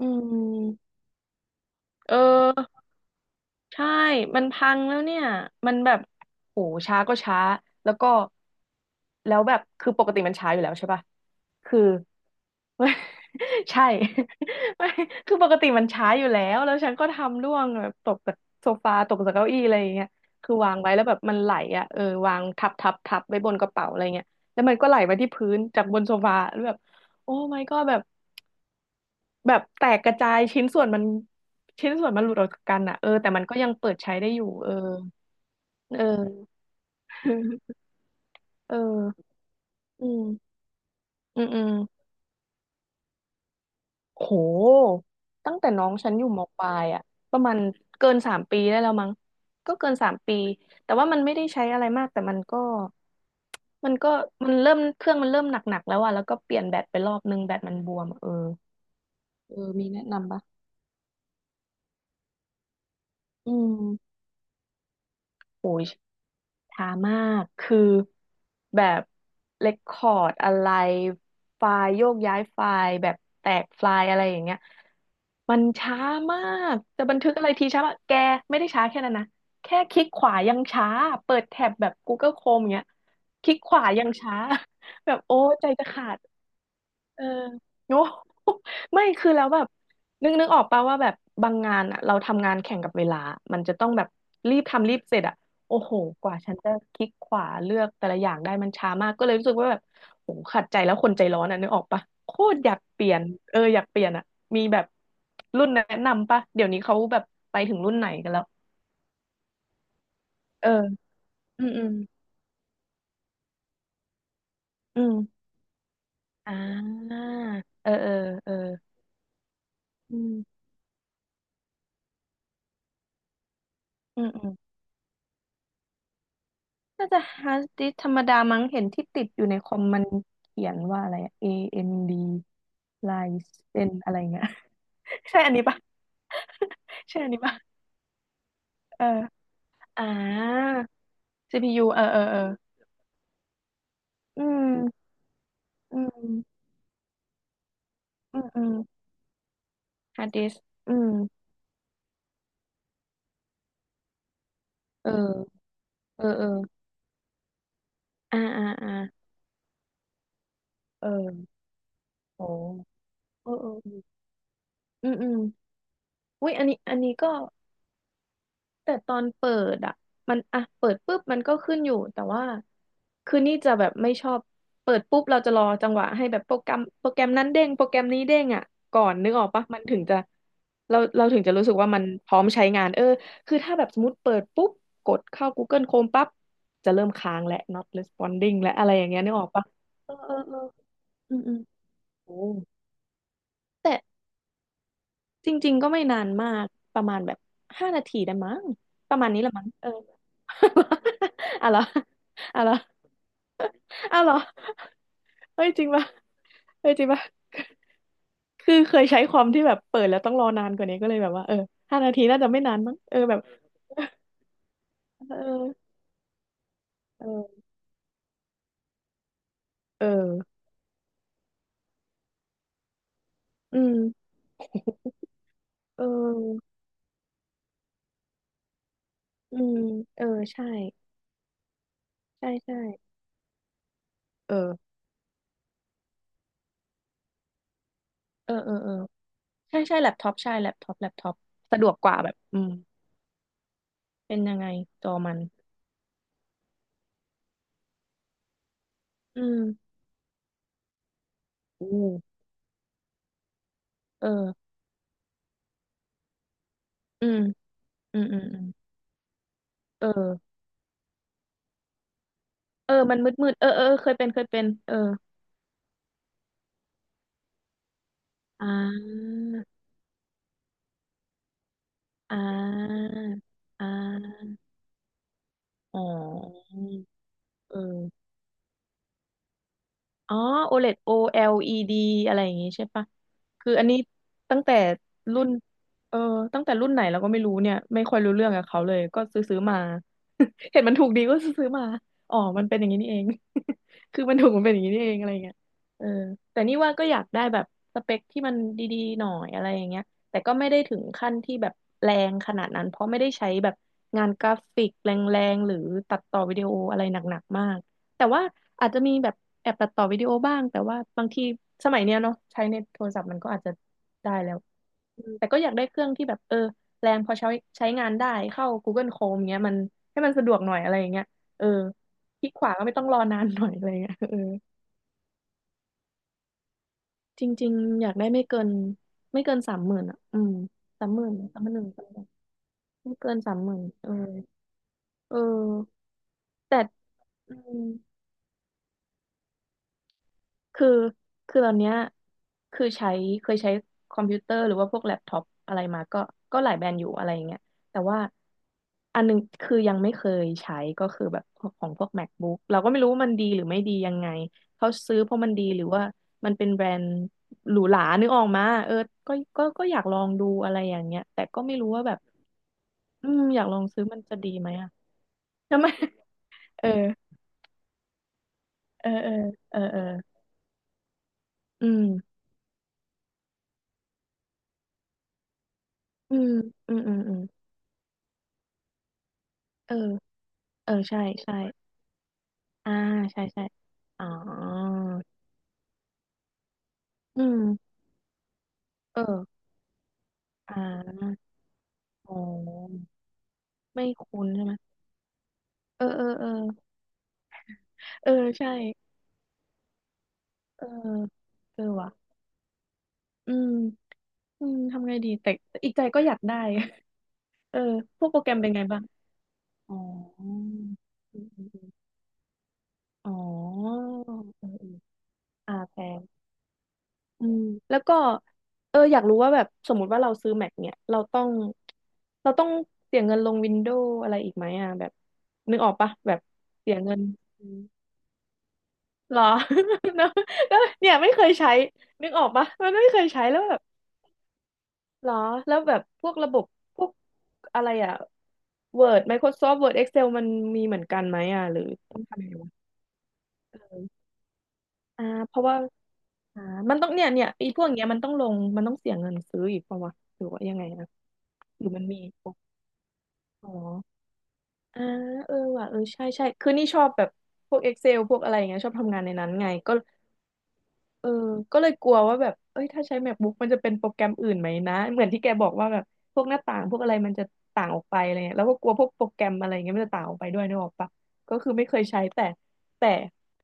อืมเออใช่มันพังแล้วเนี่ยมันแบบโหช้าก็ช้าแล้วก็แล้วแบบคือปกติมันช้าอยู่แล้วใช่ปะคือ ใช่ ไม่คือปกติมันช้าอยู่แล้วแล้วฉันก็ทำร่วงแบบตกจากโซฟาตกจากเก้าอี้อะไรอย่างเงี้ยคือวางไว้แล้วแบบมันไหลอ่ะเออวางทับทับทับไว้บนกระเป๋าอะไรเงี้ยแล้วมันก็ไหลไปที่พื้นจากบนโซฟาแล้วแบบโอ้ my god แบบ แบบแตกกระจายชิ้นส่วนมันหลุดออกจากกันอ่ะเออแต่มันก็ยังเปิดใช้ได้อยู่เออเออเอออืมอืมอืมโหตั้งแต่น้องฉันอยู่มปลายอ่ะประมาณเกินสามปีได้แล้วมั้งก็เกินสามปีแต่ว่ามันไม่ได้ใช้อะไรมากแต่มันก็มันเริ่มหนักๆแล้วอ่ะแล้วก็เปลี่ยนแบตไปรอบนึงแบตมันบวมอะเออเออมีแนะนำปะอืมโห ช้ามาก คือแบบเ e คคอร์ดอะไรไฟล์โยกย้ายไฟล์แบบแตกไฟล์อะไรอย่างเงี้ยมันช้ามากจะบันทึกอะไรทีช้ามากแกไม่ได้ช้าแค่นั้นนะ แค่คลิกขวายังช้า เปิดแท็บแบบ Google Chrome อย่างเงี้ยคลิกขวายังช้า แบบโอ้ใจจะขาด เออ โอ้ ไม่คือแล้วแบบนึกออกป่ะว่าแบบบางงานอะเราทำงานแข่งกับเวลา มันจะต้องแบบรีบทำรีบเสร็จอะโอ้โหกว่าฉันจะคลิกขวาเลือกแต่ละอย่างได้มันช้ามากก็เลยรู้สึกว่าแบบโหขัดใจแล้วคนใจร้อนอะนึกออกป่ะโคตรอยากเปลี่ยนเอออยากเปลี่ยนอะมีแบบรุ่นแนะนำป่ะเดี๋ยวนี้เขาแบบไปถึงรุ่นไหนกันแล้ว เอออืมอืมอืมอ่าเออเออเอออืมอืมอืม น่าจะฮาร์ดดิสก์ธรรมดามั้งเห็นที่ติดอยู่ในคอมมันเขียนว่าอะไรอะ AMD Ryzen อะไรเงี้ย ใช่อันนี้ปะ ใช่อันนี้ปะเอออ่า CPU เออเออเอออืมอืมอืมอืมฮาร์ดดิสก์อืมเออเออเอออ่าอ่าอ่าเออโอ้เออเออเอออืมอืมอุ้ยอันนี้อันนี้ก็ แต่ตอนเปิดอ่ะมันอ่ะเปิดปุ๊บมันก็ขึ้นอยู่แต่ว่าคือนี่จะแบบไม่ชอบเปิดปุ๊บเราจะรอจังหวะให้แบบโปรแกรมโปรแกรมนั้นเด้งโปรแกรมนี้เด้งอ่ะก่อนนึกออกปะมันถึงจะเราถึงจะรู้สึกว่ามันพร้อมใช้งานเออคือถ้าแบบสมมติเปิดปุ๊บกดเข้า Google Chrome ปั๊บจะเริ่มค้างและ not responding และอะไรอย่างเงี้ยนึกออกปะเออเออเอออืมอืมโอ้แต่ จริงๆก็ไม่นานมากประมาณแบบห้านาทีได้มั้งประมาณนี้ละมั้งเออ อะไรออะไรออะไรอเฮ้ยจริงปะเฮ้ยจริงปะคือเคยใช้ความที่แบบเปิดแล้วต้องรอนานกว่านี้ก็เลยแบบว่าเออห้านาทีน่าจะไม่นานมั้งเออแบบ เออเออเอออืมเอออืมเออใช่ใช่ใช่เออเออเออเออใช่ใช่แล็ปท็อปใช่แล็ปท็อปแล็ปท็อปสะดวกกว่าแบบอืม เป็นยังไงจอมัน อืมอืมเอออืมอืมอืมอืมเออเออมันมืดมืดเออเออเออเคยเป็นเคยเป็นเอออ่าอ่าอ่าอ๋อเออ อ๋อ OLED O L E D อะไรอย่างงี้ใช่ปะคืออันนี้ตั้งแต่รุ่นเออตั้งแต่รุ่นไหนเราก็ไม่รู้เนี่ยไม่ค่อยรู้เรื่องกับเขาเลยก็ซื้อซื้อมา เห็นมันถูกดีก็ซื้อซื้อมา อ๋อมันเป็นอย่างนี้นี่เอง คือมันถูกมันเป็นอย่างนี้นี่เองอะไรเงี้ยเออแต่นี่ว่าก็อยากได้แบบสเปคที่มันดีๆหน่อยอะไรอย่างเงี้ยแต่ก็ไม่ได้ถึงขั้นที่แบบแรงขนาดนั้นเพราะไม่ได้ใช้แบบงานกราฟิกแรงๆหรือตัดต่อวิดีโออะไรหนักๆมาก แต่ว่าอาจจะมีแบบแอบตัดต่อวิดีโอบ้างแต่ว่าบางทีสมัยเนี้ยเนาะใช้ในโทรศัพท์มันก็อาจจะได้แล้วอืมแต่ก็อยากได้เครื่องที่แบบเออแรงพอใช้ใช้งานได้เข้า Google Chrome เงี้ยมันให้มันสะดวกหน่อยอะไรอย่างเงี้ยเออคลิกขวาก็ไม่ต้องรอนานหน่อยอะไรเงี้ย เออจริงๆอยากได้ไม่เกินสามหมื่นอ่ะอืมสามหมื่น31,000ไม่เกินสามหมื่นเออเออแต่อืม คือคือตอนเนี้ยคือใช้เคยใช้คอมพิวเตอร์หรือว่าพวกแล็ปท็อปอะไรมาก็หลายแบรนด์อยู่อะไรอย่างเงี้ยแต่ว่าอันหนึงคือยังไม่เคยใช้ก็คือแบบของพวก MacBook เราก็ไม่รู้ว่ามันดีหรือไม่ดียังไงเขาซื้อเพราะมันดีหรือว่ามันเป็นแบรนด์หรูหรานึกออกมาเออก็อยากลองดูอะไรอย่างเงี้ยแต่ก็ไม่รู้ว่าแบบอืมอยากลองซื้อมันจะดีไหมอะทำไม เออเออเออเออเอออืมอืมอืมอืมอืมเออ เออใช่ใช่อ่าใช่ใช่อ๋ออืมเอออ่าอ๋อไม่คุ้นใช่ไหมเออเออเออเออใช่เออเออว่ะอืมอืมทำไงดีแต่อีกใจก็อยากได้ เออ พวกโปรแกรมเป็นไงบ้างอ๋ออืมอืมอืมอ๋อเออเอออ่าแพ อืมแล้วก็เอออยากรู้ว่าแบบสมมุติว่าเราซื้อ Mac เนี่ยเราต้องเสียเงินลงวินโดว์อะไรอีกไหมอ่ะแบบนึกออกปะแบบเสียเงินอืมหรอ แล้วแล้วเนี่ยไม่เคยใช้นึกออกปะมันไม่เคยใช้แล้วแบบหรอแล้วแบบพวกระบบพวกอะไรอ่ะ Word Microsoft Word Excel มันมีเหมือนกันไหมอ่ะหรือต้องทำยังไงวะอ่าเพราะว่า อ่ามันต้องเนี่ยเนี่ยไอ้พวกเนี้ยมันต้องลงมันต้องเสียเงินซื้ออีกป่าวะหรือว่ายังไงนะหรือมันมีอ๋ออ่าเออว่ะเออใช่ใช่คือนี่ชอบแบบพวก Excel พวกอะไรอย่างเงี้ยชอบทำงานในนั้นไงก็ เออก็เลยกลัวว่าแบบเอ้ยถ้าใช้ MacBook มันจะเป็นโปรแกรมอื่นไหมนะเหมือนที่แกบอกว่าแบบพวกหน้าต่างพวกอะไรมันจะต่างออกไปอะไรเงี้ยแล้วก็กลัวพวกโปรแกรมอะไรเงี้ยมันจะต่างออกไปด้วยนึกออกปะก็คือไม่เคยใช้แต่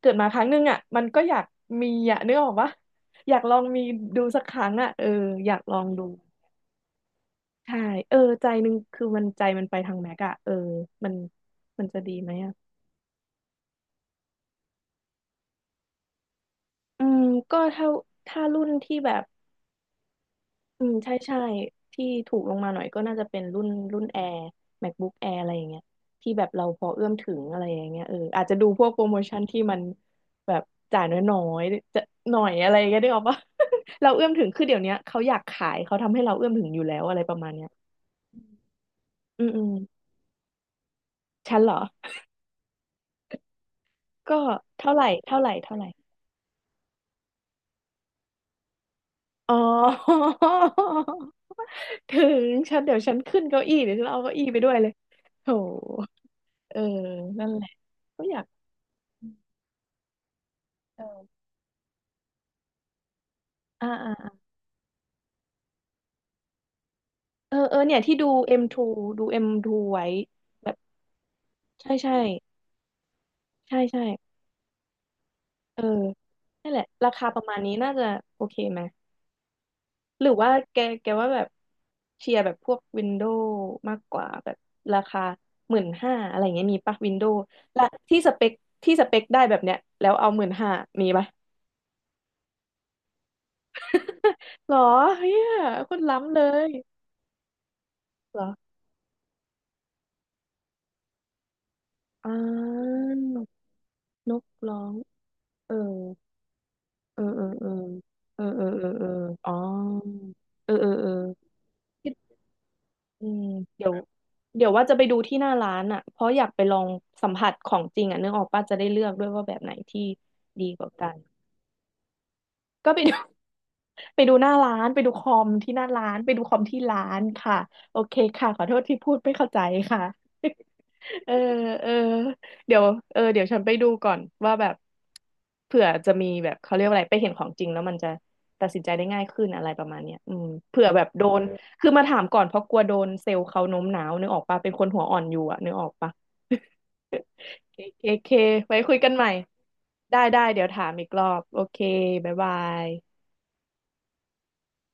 เกิดมาครั้งหนึงอ่ะมันก็อยากมีอ่ะนึกออกปะอยากลองมีดูสักครั้งอ่ะเอออยากลองดูใช่เออใจหนึงคือมันใจมันไปทางแม็กอะเออมันมันจะดีไหมอะอืมก็ถ้าถ้ารุ่นที่แบบ อืมใช่ใช่ที่ถูกลงมาหน่อยก็น่าจะเป็นรุ่นรุ่น Air MacBook Air อะไรอย่างเงี้ยที่แบบเราพอเอื้อมถึงอะไรอย่างเงี้ยเอออาจจะดูพวกโปรโมชั่นที่มันแบบจ่ายน้อยๆจะหน่อยอะไรอย่างเงี้ยได้ออกปะ เราเอื้อมถึงคือเดี๋ยวเนี้ยเขาอยากขายเขาทำให้เราเอื้อมถึงอยู่แล้วอะไรประมาณเนี้ยอืมอืมฉันเหรอก็เท่าไหร่เท่าไหร่เท่าไหร่อ๋อ ถึงฉันเดี๋ยวฉันขึ้นเก้าอี้เดี๋ยวฉันเอาเก้าอี้ไปด้วยเลยโถเออนั่นแหละก็อยากเออ อ่าอ่าเออเออเนี่ยที่ดู M2 ดู M2 ไว้แบบใช่ใช่ใช่ใช่เออนั่นแหละราคาประมาณนี้น่าจะโอเคไหมหรือว่าแกว่าแบบเชียร์แบบพวกวินโดว์มากกว่าแบบราคาหมื่นห้าอะไรอย่างเงี้ยมีปะวินโดว์และที่สเปคที่สเปคได้แบบเนี้ยแล้วเอาหมื่นห้ามีปะหรอเฮียคนล้ำเลยเหรออ่านกร้องเออ เออเออเออเออเออเออเอออ๋อเออเออเออคิดอืมเดี๋ยวเดี๋ยวว่าจะไปดูที่หน้าร้านอ่ะเพราะอยากไปลองสัมผัสของจริงอ่ะนึกออกป้าจะได้เลือกด้วยว่าแบบไหนที่ดีกว่ากันก็ไปดู ไปดูหน้าร้านไปดูคอมที่หน้าร้านไปดูคอมที่ร้านค่ะโอเคค่ะขอโทษที่พูดไม่เข้าใจค่ะ เออเออเดี๋ยวเออเดี๋ยวฉันไปดูก่อนว่าแบบเผื่อจะมีแบบเขาเรียกว่าอะไรไปเห็นของจริงแล้วมันจะตัดสินใจได้ง่ายขึ้นอะไรประมาณเนี้ยอืมเผื่อแบบโดนคือมาถามก่อนเพราะกลัวโดนเซลล์เขาโน้มน้าวนึกออกปะเป็นคนหัวอ่อนอยู่อะนึกออกปะ เคเคเคไว้คุยกันใหม่ได้ได้เดี๋ยวถามอีกรอบโอเคบ๊ายบาย